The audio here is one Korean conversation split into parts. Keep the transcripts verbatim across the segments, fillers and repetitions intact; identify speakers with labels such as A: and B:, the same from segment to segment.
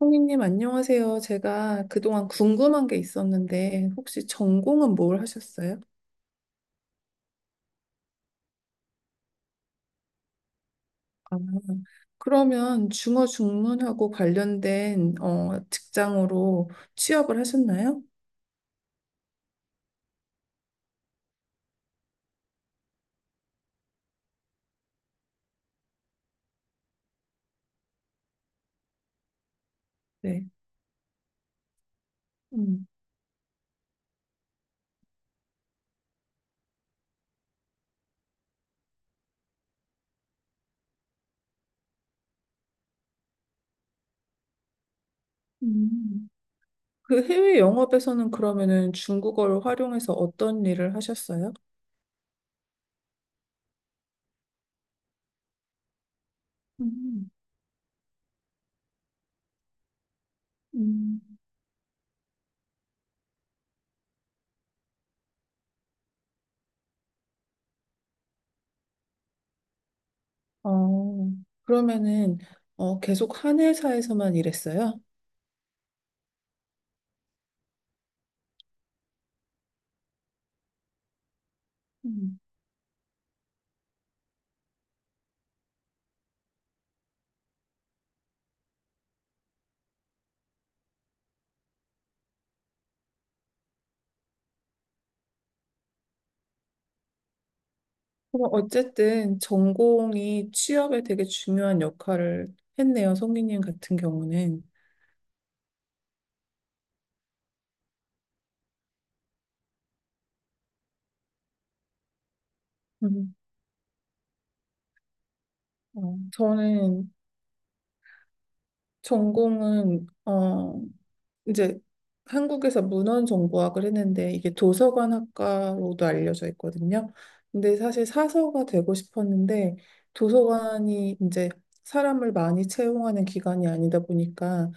A: 성희님, 안녕하세요. 제가 그동안 궁금한 게 있었는데, 혹시 전공은 뭘 하셨어요? 아, 그러면 중어 중문하고 관련된 어, 직장으로 취업을 하셨나요? 네. 음. 음, 그 해외 영업에서는 그러면은 중국어를 활용해서 어떤 일을 하셨어요? 음, 음, 어, 그러면은 어, 계속 한 회사에서만 일했어요? 그럼 어쨌든 전공이 취업에 되게 중요한 역할을 했네요. 성기님 같은 경우는. 음. 어. 저는 전공은 어, 이제 한국에서 문헌정보학을 했는데 이게 도서관학과로도 알려져 있거든요. 근데 사실 사서가 되고 싶었는데 도서관이 이제 사람을 많이 채용하는 기관이 아니다 보니까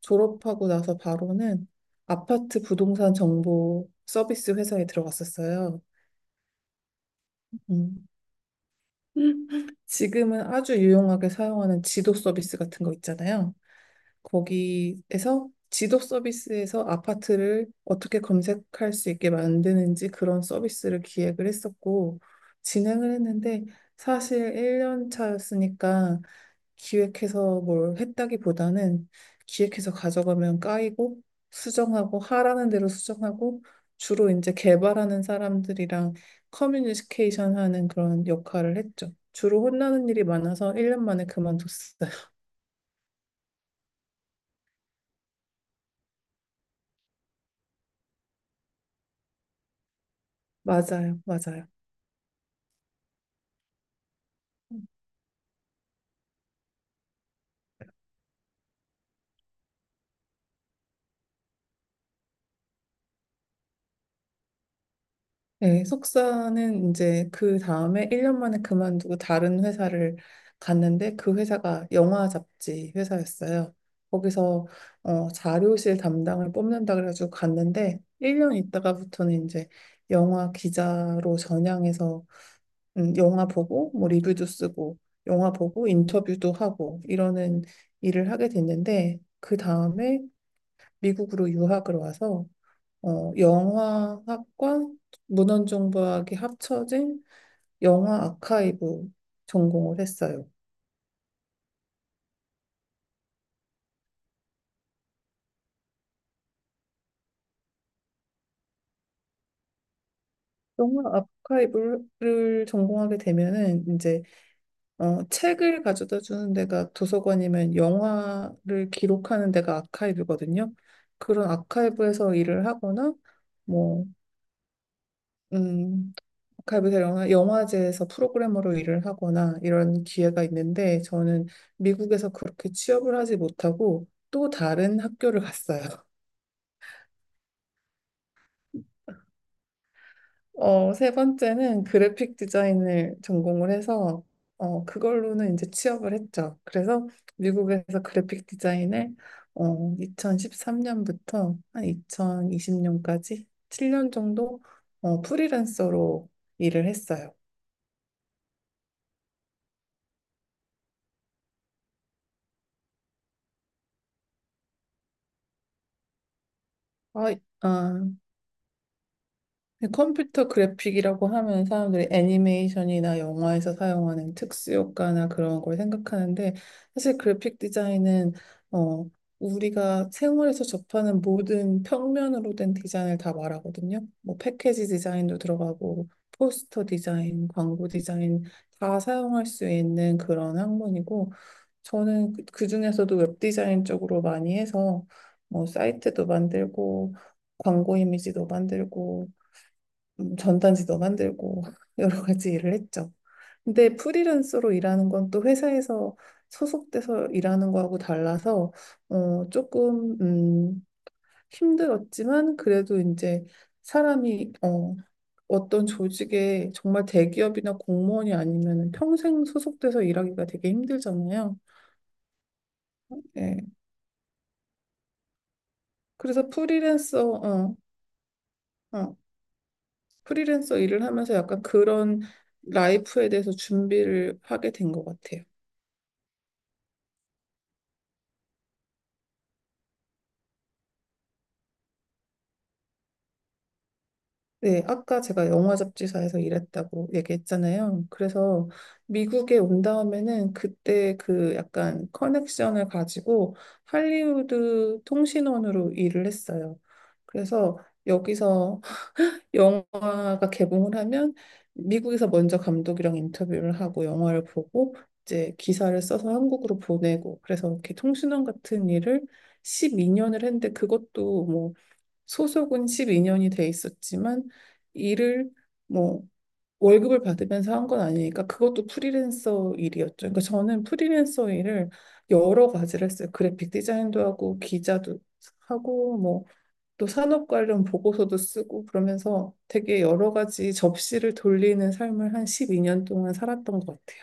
A: 졸업하고 나서 바로는 아파트 부동산 정보 서비스 회사에 들어갔었어요. 음. 지금은 아주 유용하게 사용하는 지도 서비스 같은 거 있잖아요. 거기에서 지도 서비스에서 아파트를 어떻게 검색할 수 있게 만드는지 그런 서비스를 기획을 했었고 진행을 했는데 사실 일 년 차였으니까 기획해서 뭘 했다기보다는 기획해서 가져가면 까이고 수정하고 하라는 대로 수정하고 주로 이제 개발하는 사람들이랑 커뮤니케이션 하는 그런 역할을 했죠. 주로 혼나는 일이 많아서 일 년 만에 그만뒀어요. 맞아요, 맞아요. 네, 석사는 이제 그 다음에 일 년 만에 그만두고 다른 회사를 갔는데 그 회사가 영화 잡지 회사였어요. 거기서 어, 자료실 담당을 뽑는다 그래가지고 갔는데 일 년 있다가부터는 이제 영화 기자로 전향해서 음, 영화 보고 뭐 리뷰도 쓰고 영화 보고 인터뷰도 하고 이러는 일을 하게 됐는데 그 다음에 미국으로 유학을 와서 어, 영화학과 문헌정보학이 합쳐진 영화 아카이브 전공을 했어요. 영화 아카이브를 전공하게 되면은 이제 어, 책을 가져다 주는 데가 도서관이면 영화를 기록하는 데가 아카이브거든요. 그런 아카이브에서 일을 하거나 뭐 음, 가이브사 영화, 영화제에서 프로그래머로 일을 하거나 이런 기회가 있는데 저는 미국에서 그렇게 취업을 하지 못하고 또 다른 학교를 갔어요. 어, 세 번째는 그래픽 디자인을 전공을 해서 어, 그걸로는 이제 취업을 했죠. 그래서 미국에서 그래픽 디자인을 어, 이천십삼 년부터 한 이천이십 년까지 칠 년 정도 어, 프리랜서로 일을 했어요. 아, 근데 컴퓨터 그래픽이라고 하면 사람들이 애니메이션이나 영화에서 사용하는 특수 효과나 그런 걸 생각하는데 사실 그래픽 디자인은 어, 우리가 생활에서 접하는 모든 평면으로 된 디자인을 다 말하거든요. 뭐 패키지 디자인도 들어가고 포스터 디자인, 광고 디자인 다 사용할 수 있는 그런 학문이고 저는 그, 그중에서도 웹 디자인 쪽으로 많이 해서 뭐 사이트도 만들고 광고 이미지도 만들고 음, 전단지도 만들고 여러 가지 일을 했죠. 근데 프리랜서로 일하는 건 또 회사에서 소속돼서 일하는 거하고 달라서 어, 조금 음, 힘들었지만 그래도 이제 사람이 어, 어떤 조직에 정말 대기업이나 공무원이 아니면 평생 소속돼서 일하기가 되게 힘들잖아요. 예. 그래서 프리랜서 어, 어, 프리랜서 일을 하면서 약간 그런 라이프에 대해서 준비를 하게 된 것 같아요. 네, 아까 제가 영화 잡지사에서 일했다고 얘기했잖아요. 그래서 미국에 온 다음에는 그때 그 약간 커넥션을 가지고 할리우드 통신원으로 일을 했어요. 그래서 여기서 영화가 개봉을 하면 미국에서 먼저 감독이랑 인터뷰를 하고 영화를 보고 이제 기사를 써서 한국으로 보내고 그래서 이렇게 통신원 같은 일을 십이 년을 했는데 그것도 뭐 소속은 십이 년이 돼 있었지만 일을 뭐 월급을 받으면서 한 건 아니니까 그것도 프리랜서 일이었죠. 그러니까 저는 프리랜서 일을 여러 가지를 했어요. 그래픽 디자인도 하고 기자도 하고 뭐 또 산업 관련 보고서도 쓰고 그러면서 되게 여러 가지 접시를 돌리는 삶을 한 십이 년 동안 살았던 것 같아요.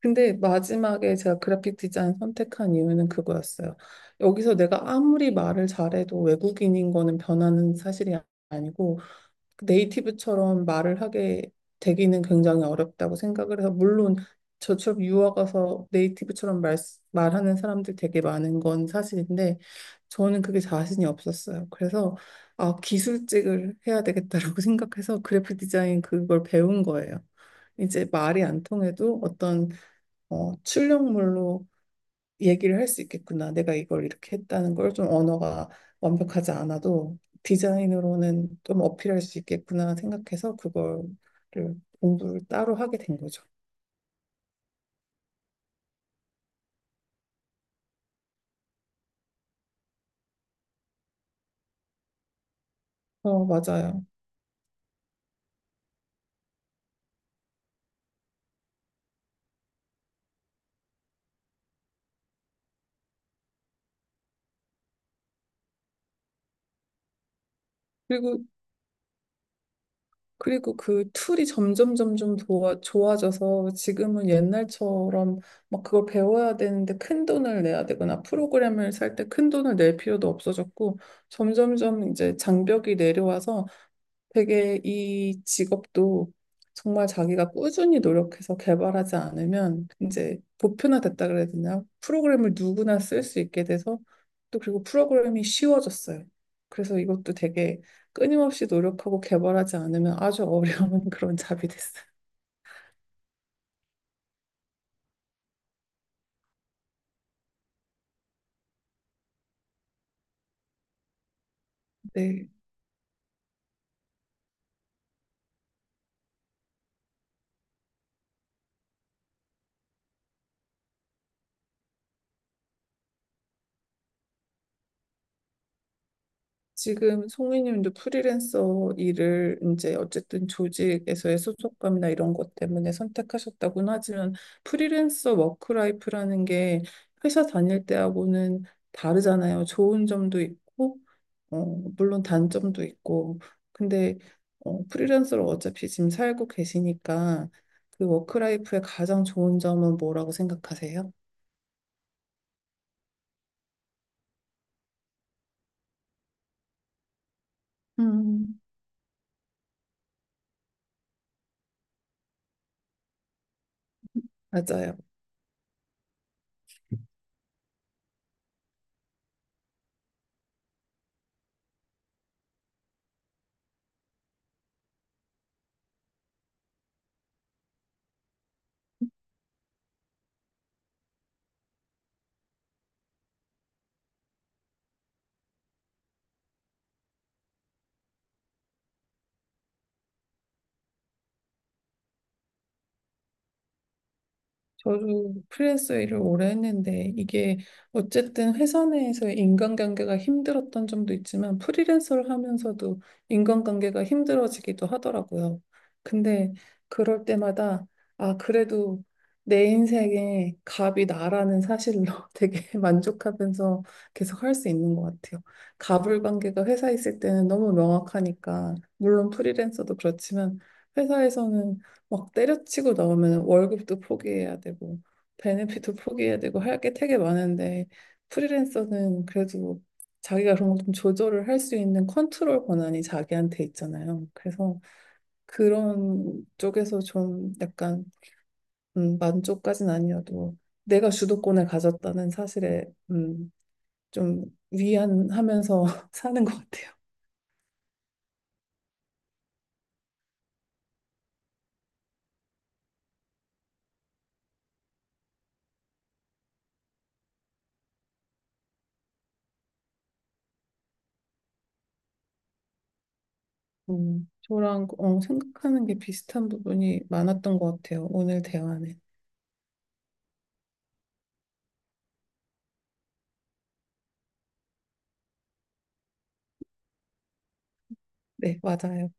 A: 근데 마지막에 제가 그래픽 디자인 선택한 이유는 그거였어요. 여기서 내가 아무리 말을 잘해도 외국인인 거는 변하는 사실이 아- 아니고 네이티브처럼 말을 하게 되기는 굉장히 어렵다고 생각을 해서 물론 저처럼 유학 가서 네이티브처럼 말, 말하는 사람들 되게 많은 건 사실인데 저는 그게 자신이 없었어요. 그래서 아, 기술직을 해야 되겠다라고 생각해서 그래픽 디자인 그걸 배운 거예요. 이제 말이 안 통해도 어떤 어, 출력물로 얘기를 할 수 있겠구나. 내가 이걸 이렇게 했다는 걸 좀 언어가 완벽하지 않아도 디자인으로는 좀 어필할 수 있겠구나 생각해서 그거를 공부를 따로 하게 된 거죠. 어, 맞아요. 그리고, 그리고 그 툴이 점점 점점 도와, 좋아져서 지금은 옛날처럼 막 그걸 배워야 되는데 큰 돈을 내야 되거나 프로그램을 살 때 큰 돈을 낼 필요도 없어졌고 점점점 이제 장벽이 내려와서 되게 이 직업도 정말 자기가 꾸준히 노력해서 개발하지 않으면 이제 보편화됐다 그래야 되나? 프로그램을 누구나 쓸 수 있게 돼서 또 그리고 프로그램이 쉬워졌어요. 그래서 이것도 되게 끊임없이 노력하고 개발하지 않으면 아주 어려운 그런 잡이 됐어요. 네. 지금 송이님도 프리랜서 일을 이제 어쨌든 조직에서의 소속감이나 이런 것 때문에 선택하셨다고는 하지만 프리랜서 워크라이프라는 게 회사 다닐 때하고는 다르잖아요. 좋은 점도 있고, 어, 물론 단점도 있고. 근데 어, 프리랜서로 어차피 지금 살고 계시니까 그 워크라이프의 가장 좋은 점은 뭐라고 생각하세요? 음, 맞아요. 저도 프리랜서 일을 오래 했는데 이게 어쨌든 회사 내에서의 인간관계가 힘들었던 점도 있지만 프리랜서를 하면서도 인간관계가 힘들어지기도 하더라고요. 근데 그럴 때마다 아, 그래도 내 인생의 갑이 나라는 사실로 되게 만족하면서 계속 할 수 있는 것 같아요. 갑을 관계가 회사에 있을 때는 너무 명확하니까 물론 프리랜서도 그렇지만 회사에서는 막 때려치고 나오면 월급도 포기해야 되고 베네핏도 포기해야 되고 할 게 되게 많은데 프리랜서는 그래도 자기가 그런 걸 좀 조절을 할 수 있는 컨트롤 권한이 자기한테 있잖아요. 그래서 그런 쪽에서 좀 약간 음, 만족까진 아니어도 내가 주도권을 가졌다는 사실에 음, 좀 위안하면서 사는 것 같아요. 음, 저랑 어, 생각하는 게 비슷한 부분이 많았던 것 같아요. 오늘 대화는. 네, 맞아요.